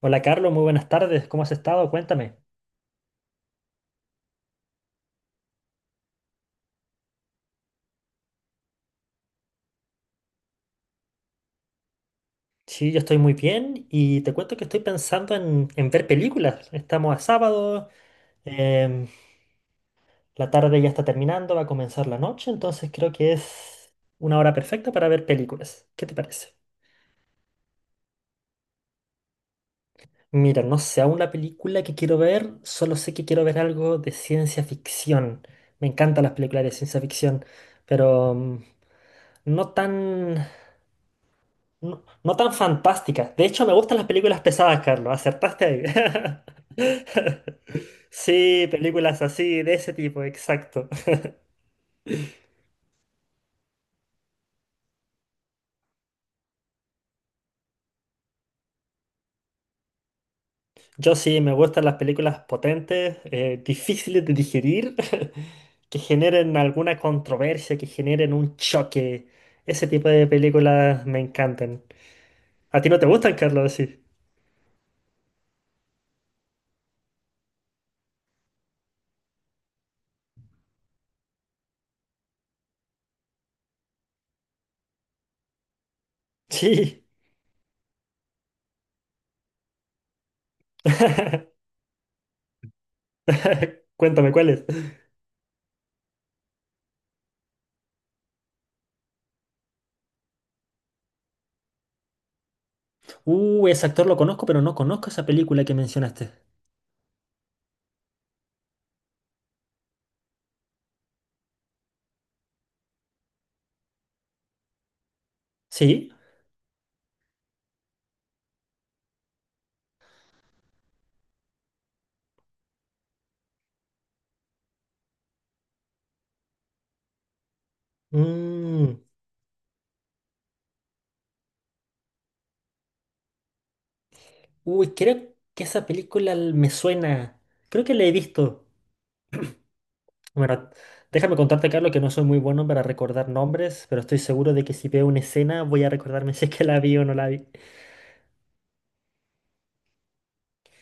Hola Carlos, muy buenas tardes, ¿cómo has estado? Cuéntame. Sí, yo estoy muy bien y te cuento que estoy pensando en ver películas. Estamos a sábado, em, la tarde ya está terminando, va a comenzar la noche, entonces creo que es una hora perfecta para ver películas. ¿Qué te parece? Mira, no sé aún la película que quiero ver, solo sé que quiero ver algo de ciencia ficción. Me encantan las películas de ciencia ficción, pero no tan... No, no tan fantásticas. De hecho, me gustan las películas pesadas, Carlos. Acertaste ahí. Sí, películas así, de ese tipo, exacto. Yo sí, me gustan las películas potentes, difíciles de digerir, que generen alguna controversia, que generen un choque. Ese tipo de películas me encantan. ¿A ti no te gustan, Carlos? Sí. Sí. Cuéntame, ¿cuáles? Ese actor lo conozco, pero no conozco esa película que mencionaste. ¿Sí? Mm. Uy, creo que esa me suena. Creo que la he visto. Bueno, déjame contarte, Carlos, que no soy muy bueno para recordar nombres, pero estoy seguro de que si veo una escena voy a recordarme si es que la vi o no la vi.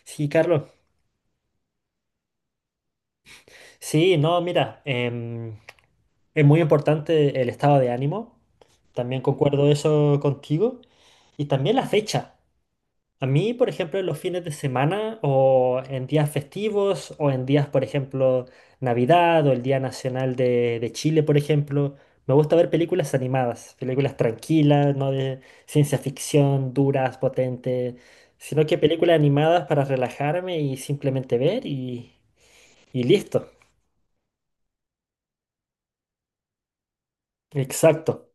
Sí, Carlos. Sí, no, mira, es muy importante el estado de ánimo. También concuerdo eso contigo. Y también la fecha. A mí, por ejemplo, en los fines de semana o en días festivos o en días, por ejemplo, Navidad o el Día Nacional de Chile, por ejemplo, me gusta ver películas animadas, películas tranquilas, no de ciencia ficción, duras, potentes, sino que películas animadas para relajarme y simplemente ver y listo. Exacto.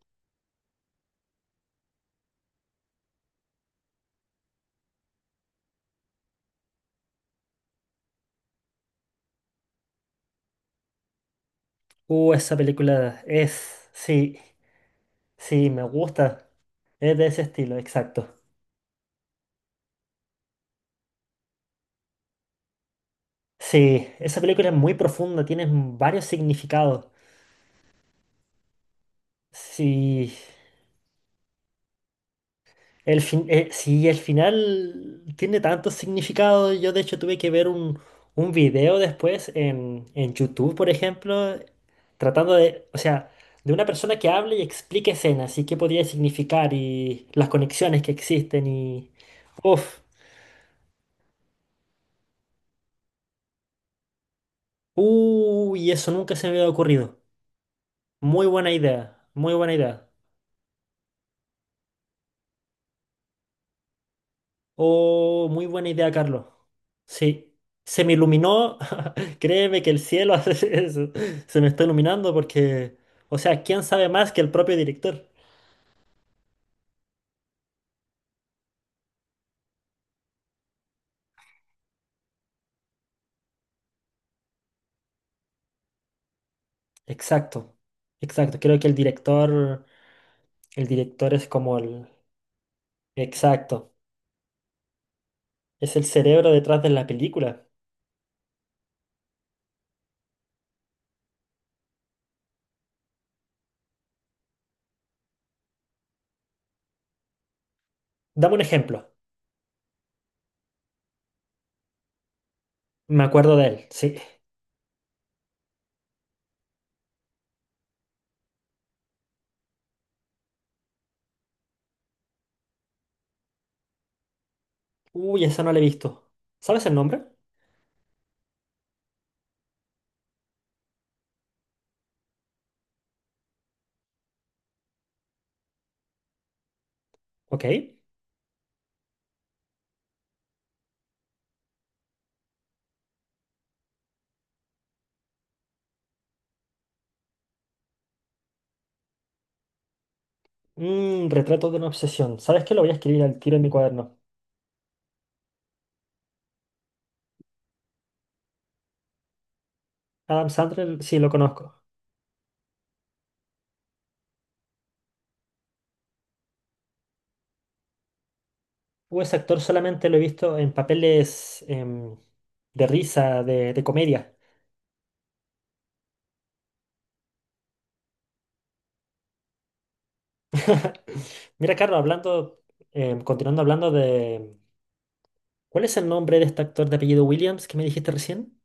Esa película es, sí, sí, me gusta. Es de ese estilo, exacto. Sí, esa película es muy profunda, tiene varios significados. Sí, el fin, sí, el final tiene tantos significados. Yo de hecho tuve que ver un video después en YouTube, por ejemplo, tratando de, o sea, de una persona que hable y explique escenas y qué podría significar y las conexiones que existen y... Uf, uy, eso nunca se me había ocurrido. Muy buena idea, muy buena idea. Oh, muy buena idea, Carlos. Sí, se me iluminó. Créeme que el cielo hace eso. Se me está iluminando porque, o sea, ¿quién sabe más que el propio director? Exacto, exacto. Creo que el director es como el... Exacto, es el cerebro detrás de la película. Dame un ejemplo. Me acuerdo de él, sí. Uy, esa no la he visto. ¿Sabes el nombre? Ok. Mm, Retrato de una obsesión. ¿Sabes qué? Lo voy a escribir al tiro en mi cuaderno. Adam Sandler, sí, lo conozco. Ese actor solamente lo he visto en papeles de risa, de comedia. Mira, Carlos, hablando, continuando hablando de... ¿Cuál es el nombre de este actor de apellido Williams que me dijiste recién?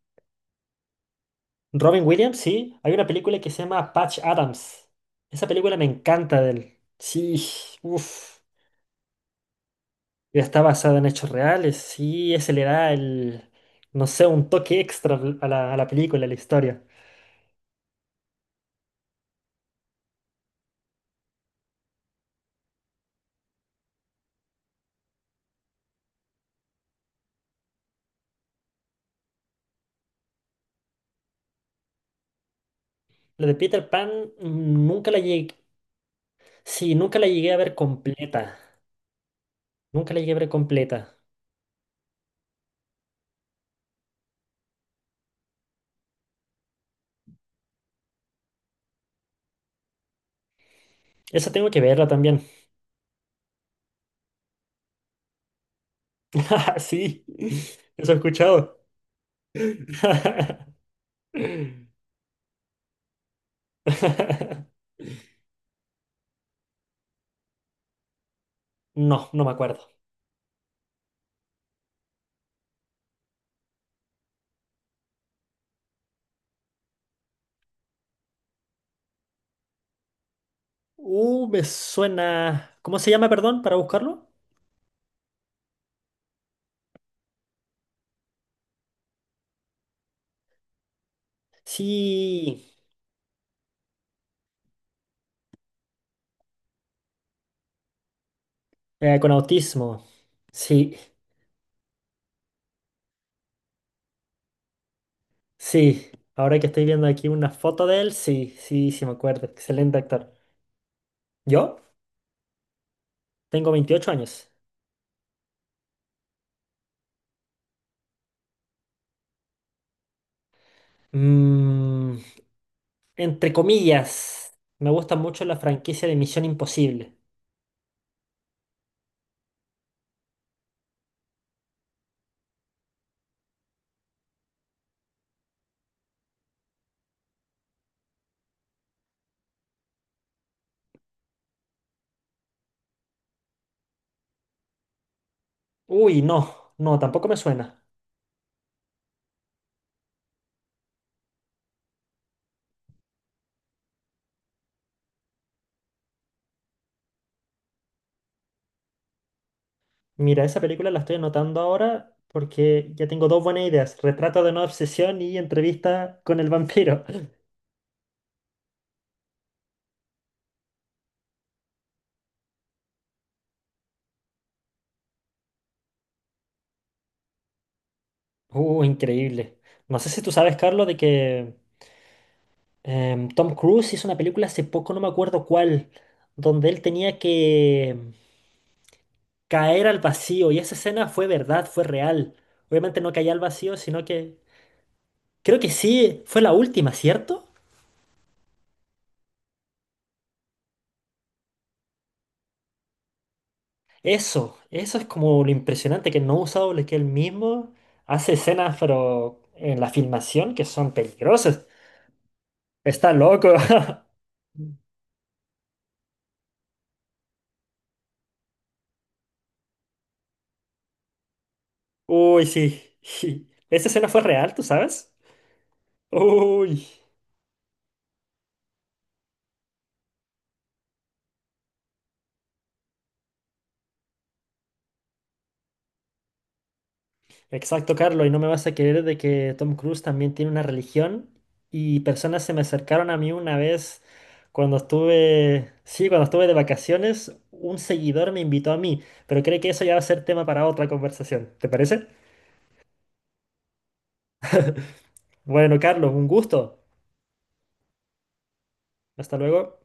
Robin Williams, sí. Hay una película que se llama Patch Adams. Esa película me encanta de él. Sí, uff. Está basada en hechos reales. Sí, ese le da el, no sé, un toque extra a la película, a la historia. Lo de Peter Pan nunca la llegué, Sí, nunca la llegué a ver completa. Nunca la llegué a ver completa. Esa tengo que verla también. Sí, eso he escuchado. No, no me acuerdo. Me suena. ¿Cómo se llama, perdón, para buscarlo? Sí, con autismo. Sí, sí. Ahora que estoy viendo aquí una foto de él, sí, sí, sí me acuerdo. Excelente actor. ¿Yo? Tengo 28 años. Mmm... Entre comillas, me gusta mucho la franquicia de Misión Imposible. Uy, no, no, tampoco me suena. Mira, esa película la estoy anotando ahora porque ya tengo dos buenas ideas. Retrato de una obsesión y entrevista con el vampiro. Increíble. No sé si tú sabes, Carlos, de que Tom Cruise hizo una película hace poco, no me acuerdo cuál, donde él tenía que caer al vacío y esa escena fue verdad, fue real. Obviamente no caía al vacío, sino que Creo que sí, fue la última, ¿cierto? Eso es como lo impresionante, que no ha usado lo que él mismo hace escenas, pero en la filmación que son peligrosas. Está loco. Uy, sí. Esa escena fue real, ¿tú sabes? Uy. Exacto, Carlos, y no me vas a querer de que Tom Cruise también tiene una religión y personas se me acercaron a mí una vez cuando estuve, sí, cuando estuve de vacaciones, un seguidor me invitó a mí, pero creo que eso ya va a ser tema para otra conversación, ¿te parece? Bueno, Carlos, un gusto. Hasta luego.